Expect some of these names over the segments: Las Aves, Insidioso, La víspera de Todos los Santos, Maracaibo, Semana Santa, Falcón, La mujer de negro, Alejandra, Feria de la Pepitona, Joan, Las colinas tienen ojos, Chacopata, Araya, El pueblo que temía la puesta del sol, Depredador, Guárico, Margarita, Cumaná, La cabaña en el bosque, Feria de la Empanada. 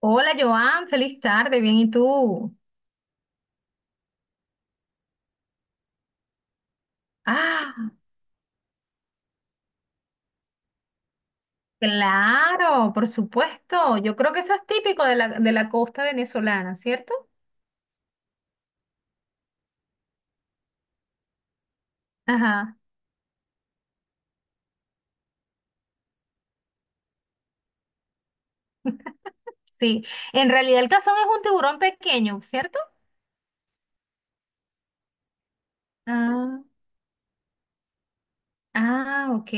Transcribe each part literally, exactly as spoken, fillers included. Hola Joan, feliz tarde, bien, ¿y tú? Ah, claro, por supuesto. Yo creo que eso es típico de la, de la costa venezolana, ¿cierto? Ajá, sí. En realidad el cazón es un tiburón pequeño, ¿cierto? Ah. Ah, ok.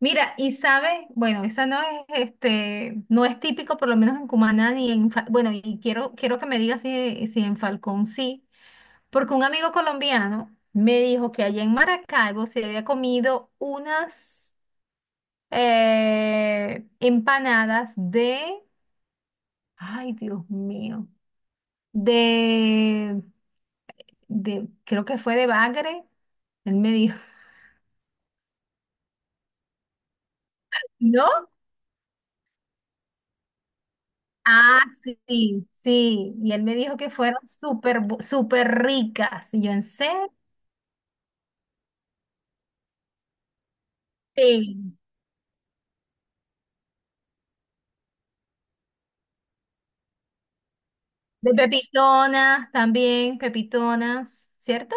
Mira, y sabes, bueno, esa no es, este, no es típico, por lo menos en Cumaná ni en, Fa- bueno, y quiero, quiero que me digas si, si en Falcón sí, porque un amigo colombiano me dijo que allá en Maracaibo se había comido unas eh, empanadas de, ay, Dios mío, de, de, creo que fue de bagre, él me dijo. ¿No? Ah, sí, sí. Y él me dijo que fueron súper, bu- súper ricas. Y yo, ¿en serio? Sí. De pepitonas también, pepitonas, ¿cierto?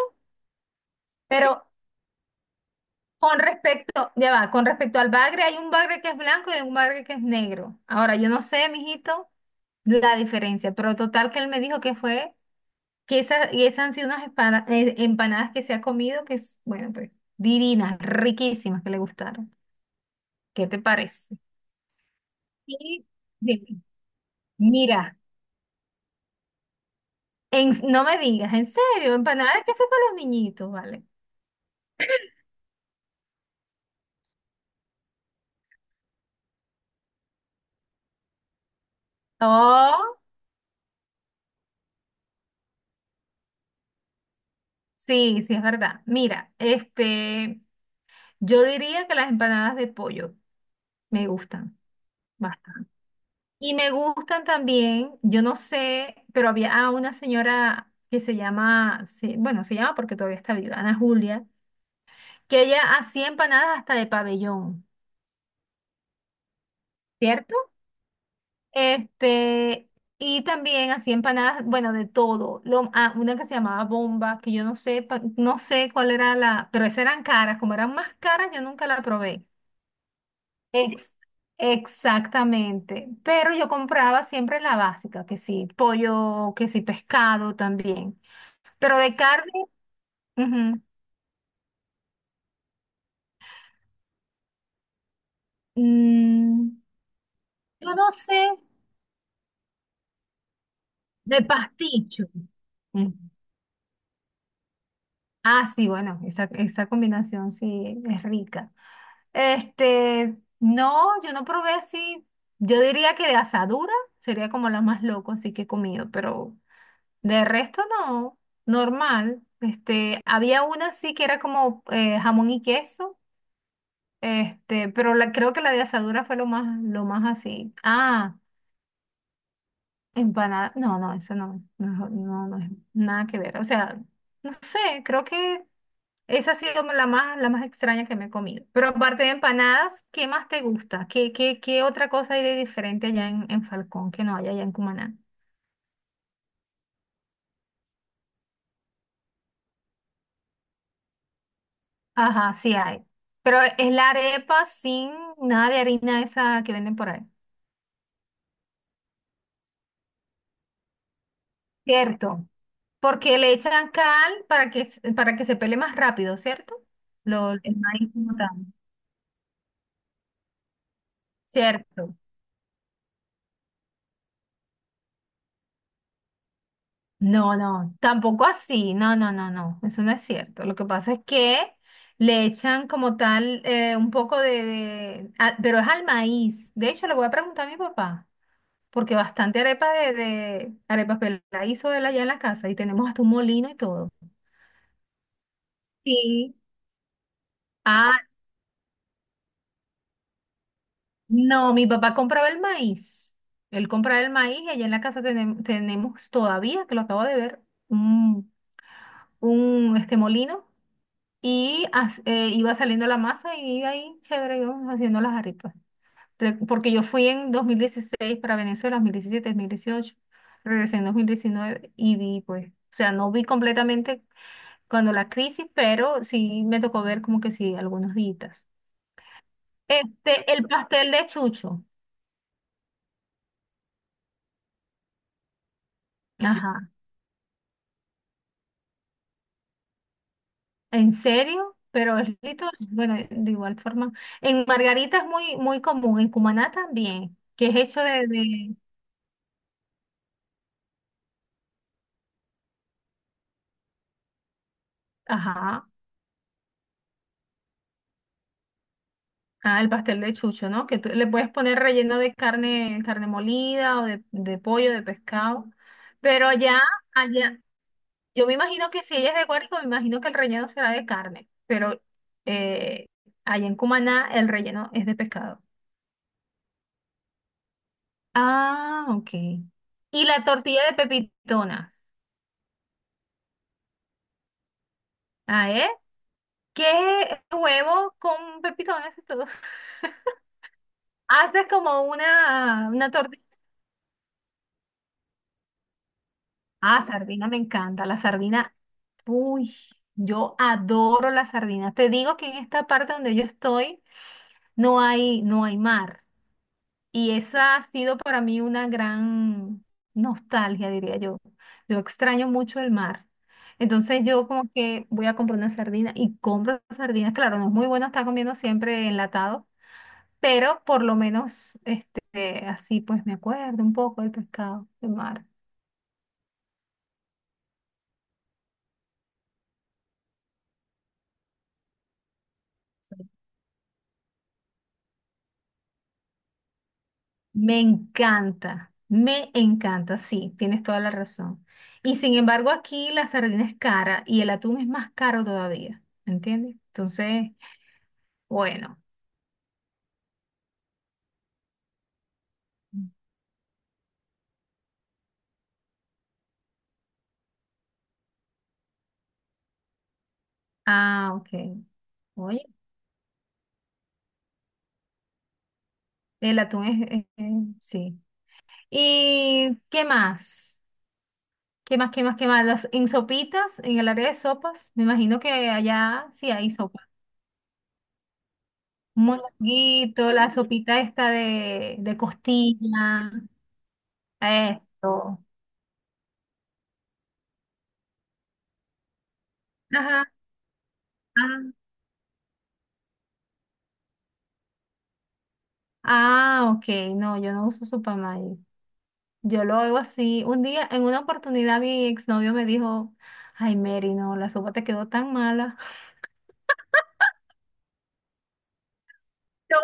Pero con respecto, ya va, con respecto al bagre, hay un bagre que es blanco y hay un bagre que es negro. Ahora, yo no sé, mijito, la diferencia, pero total que él me dijo que fue, que esa, y esas han sido unas empana- eh, empanadas que se ha comido, que es, bueno, pues, divinas, riquísimas, que le gustaron. ¿Qué te parece? Sí. Mira, en- no me digas, en serio, empanadas que hacen para los niñitos, ¿vale? Oh, sí, sí, es verdad. Mira, este, yo diría que las empanadas de pollo me gustan bastante. Y me gustan también, yo no sé, pero había ah, una señora que se llama, se- bueno, se llama porque todavía está viva, Ana Julia, que ella hacía empanadas hasta de pabellón, ¿cierto? Este, y también hacía empanadas, bueno, de todo. Lo, ah, una que se llamaba bomba, que yo no sé, pa- no sé cuál era la, pero esas eran caras, como eran más caras, yo nunca la probé. Ex- exactamente. Pero yo compraba siempre la básica, que sí, pollo, que sí, pescado también. Pero de carne, ujú, mm, yo no sé, de pasticho. Mm. Ah, sí, bueno, esa, esa combinación sí es rica. Este, no, yo no probé así. Yo diría que de asadura sería como la más loco, así que he comido, pero de resto no, normal. Este, había una así que era como eh, jamón y queso, este, pero la, creo que la de asadura fue lo más, lo más así. Ah, empanada, no, no, eso no, no, no, no es nada que ver. O sea, no sé, creo que esa ha sido la más, la más extraña que me he comido. Pero aparte de empanadas, ¿qué más te gusta? ¿Qué, qué, qué otra cosa hay de diferente allá en, en Falcón que no hay allá en Cumaná? Ajá, sí hay. Pero es la arepa sin nada de harina esa que venden por ahí. Cierto. Porque le echan cal para que, s- para que se pele más rápido, ¿cierto? Lo, el maíz como tal. Cierto. No, no, tampoco así, no, no, no, no, eso no es cierto. Lo que pasa es que le echan como tal eh, un poco de, de- ah, pero es al maíz. De hecho, le voy a preguntar a mi papá, porque bastante arepa de, de arepas la hizo él allá en la casa y tenemos hasta un molino y todo. Sí. Ah, no, mi papá compraba el maíz. Él compraba el maíz y allá en la casa tenem- tenemos todavía, que lo acabo de ver, un, un este molino. Y as- eh, iba saliendo la masa y ahí, chévere, íbamos haciendo las arepas. Re- Porque yo fui en dos mil dieciséis para Venezuela, dos dos mil diecisiete dos mil dieciocho regresé en dos mil diecinueve y vi, pues, o sea, no vi completamente cuando la crisis, pero sí me tocó ver como que sí, algunos días. Este, el pastel de chucho. Ajá. ¿En serio? Pero es lindo, bueno, de igual forma. En Margarita es muy, muy común, en Cumaná también, que es hecho de, de- ajá. Ah, el pastel de chucho, ¿no? Que tú le puedes poner relleno de carne, carne molida o de, de, pollo, de pescado. Pero allá, allá, yo me imagino que si ella es de Guárico, me imagino que el relleno será de carne. Pero eh, allá en Cumaná el relleno es de pescado. Ah, ok. Y la tortilla de pepitonas. Ah, ¿eh? ¿Qué huevo con pepitonas y todo? Haces como una, una tortilla. Ah, sardina me encanta. La sardina, uy, yo adoro la sardina. Te digo que en esta parte donde yo estoy no hay, no hay mar. Y esa ha sido para mí una gran nostalgia, diría yo. Yo extraño mucho el mar. Entonces yo como que voy a comprar una sardina y compro sardinas. Claro, no es muy bueno estar comiendo siempre enlatado, pero por lo menos este, así pues me acuerdo un poco del pescado, del mar. Me encanta, me encanta, sí, tienes toda la razón. Y sin embargo, aquí la sardina es cara y el atún es más caro todavía, ¿me ¿entiendes? Entonces, bueno. Ah, ok. Oye, el atún es, es- es- Sí. ¿Y qué más? ¿Qué más, qué más, qué más? Las, en sopitas, en el área de sopas, me imagino que allá sí hay sopa. Un moñonguito, la sopita esta de, de costilla, esto. Ajá. Ah, ah, ok, no, yo no uso Supamay. Yo lo oigo así. Un día, en una oportunidad, mi exnovio me dijo, ay, Mary, no, la sopa te quedó tan mala. Yo-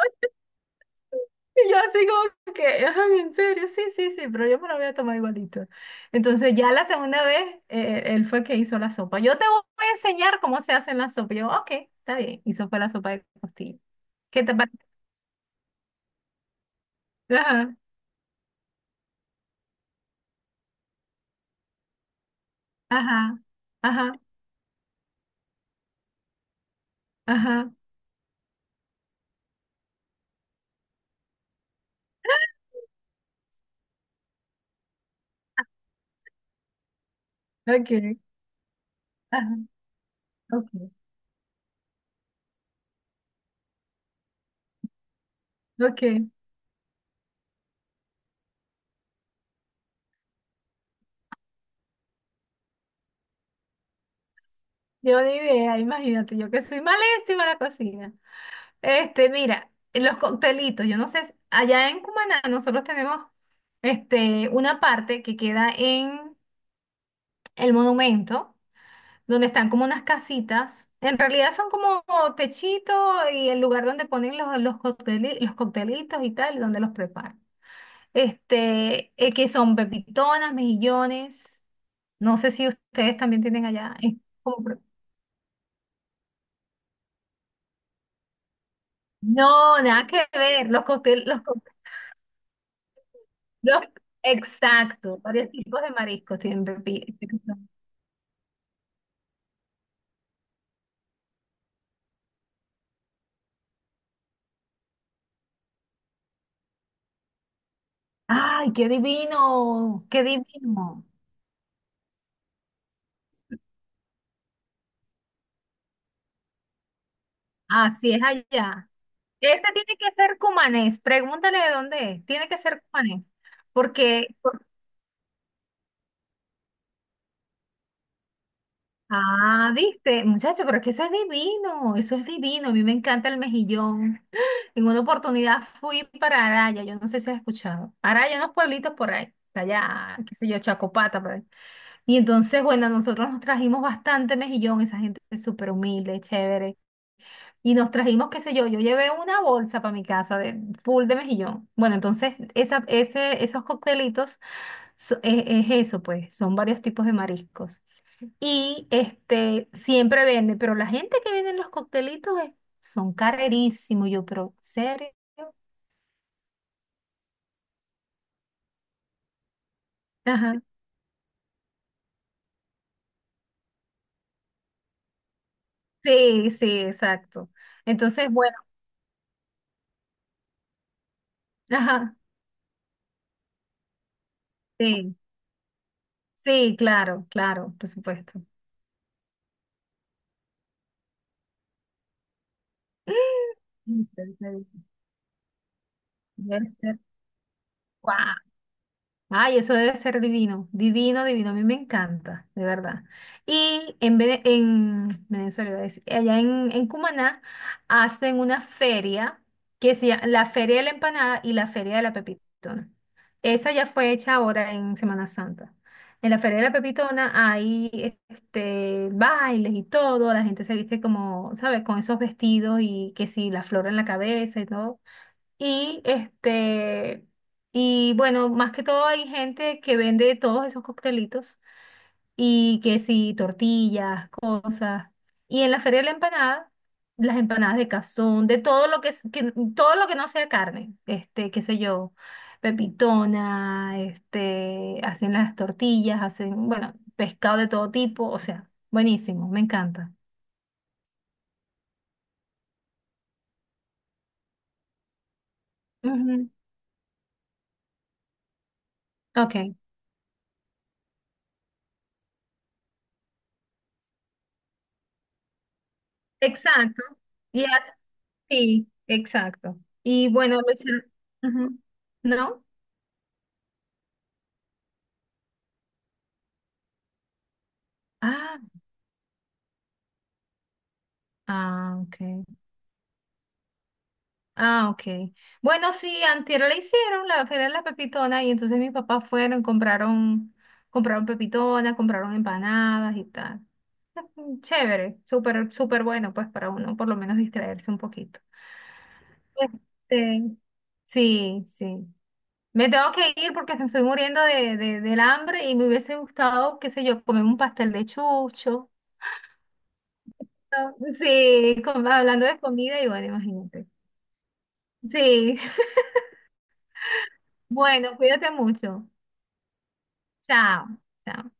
Y yo así como que, ay, en serio, sí, sí, sí, pero yo me la voy a tomar igualito. Entonces ya la segunda vez, eh, él fue que hizo la sopa. Yo te voy a enseñar cómo se hace la sopa. Y yo, ok, está bien. Hizo fue la sopa de costilla. ¿Qué te parece? Ajá, ajá, ajá, ajá, ok, ajá, ok, ok. Yo ni idea, imagínate, yo que soy malísima en la cocina. Este, mira, los coctelitos, yo no sé, si- allá en Cumaná nosotros tenemos este, una parte que queda en el monumento, donde están como unas casitas. En realidad son como techito y el lugar donde ponen los, los, cocteli- los coctelitos y tal, donde los preparan. Este, eh, que son pepitonas, mejillones. No sé si ustedes también tienen allá. eh, como pre- no, nada que ver. Los cócteles, Los- exacto, varios tipos de mariscos tienen pepi- ¡Ay, qué divino! ¡Qué divino! Así es allá. Ese tiene que ser cumanés. Pregúntale de dónde es. Tiene que ser cumanés. Porque, por- ah, viste, muchacho, pero es que eso es divino. Eso es divino. A mí me encanta el mejillón. En una oportunidad fui para Araya. Yo no sé si has escuchado. Araya, unos pueblitos por ahí. Allá, qué sé yo, Chacopata, por ahí. Y entonces, bueno, nosotros nos trajimos bastante mejillón, esa gente es súper humilde, chévere. Y nos trajimos, qué sé yo, yo llevé una bolsa para mi casa de full de mejillón. Bueno, entonces esa, ese, esos coctelitos so- es, es eso, pues, son varios tipos de mariscos. Y este siempre vende, pero la gente que vende los coctelitos es- son carerísimos. Yo, pero, ¿serio? Ajá. Sí, sí, exacto. Entonces, bueno, ajá, sí, sí, claro, claro, por supuesto. Entonces, debe ser, ¡guau! Ay, eso debe ser divino, divino, divino. A mí me encanta, de verdad. Y en, Vene- en Venezuela, iba a decir, allá en, en, Cumaná, hacen una feria que se llama la Feria de la Empanada y la Feria de la Pepitona. Esa ya fue hecha ahora en Semana Santa. En la Feria de la Pepitona hay este, bailes y todo, la gente se viste como, ¿sabes? Con esos vestidos y que si la flor en la cabeza y todo. Y este, y bueno, más que todo hay gente que vende todos esos coctelitos y que sí, tortillas, cosas. Y en la feria de la empanada, las empanadas de cazón, de todo lo que, es- que- todo lo que no sea carne, este, qué sé yo, pepitona, este, hacen las tortillas, hacen, bueno, pescado de todo tipo, o sea, buenísimo, me encanta. Ujú, ok, exacto. Sí, exacto. Y bueno, lo hicieron- ujú. ¿No? Ah, ah, ok. Ah, ok. Bueno, sí, antier la hicieron, la feria de la pepitona, y entonces mis papás fueron, compraron, compraron, pepitona, compraron empanadas y tal. Mm, Chévere, súper, súper bueno, pues para uno por lo menos distraerse un poquito. Este, sí, sí. Me tengo que ir porque me estoy muriendo de, de- del hambre y me hubiese gustado, qué sé yo, comer un pastel de chucho. Sí, com- hablando de comida y bueno, imagínate. Sí, bueno, cuídate mucho. Chao. Chao.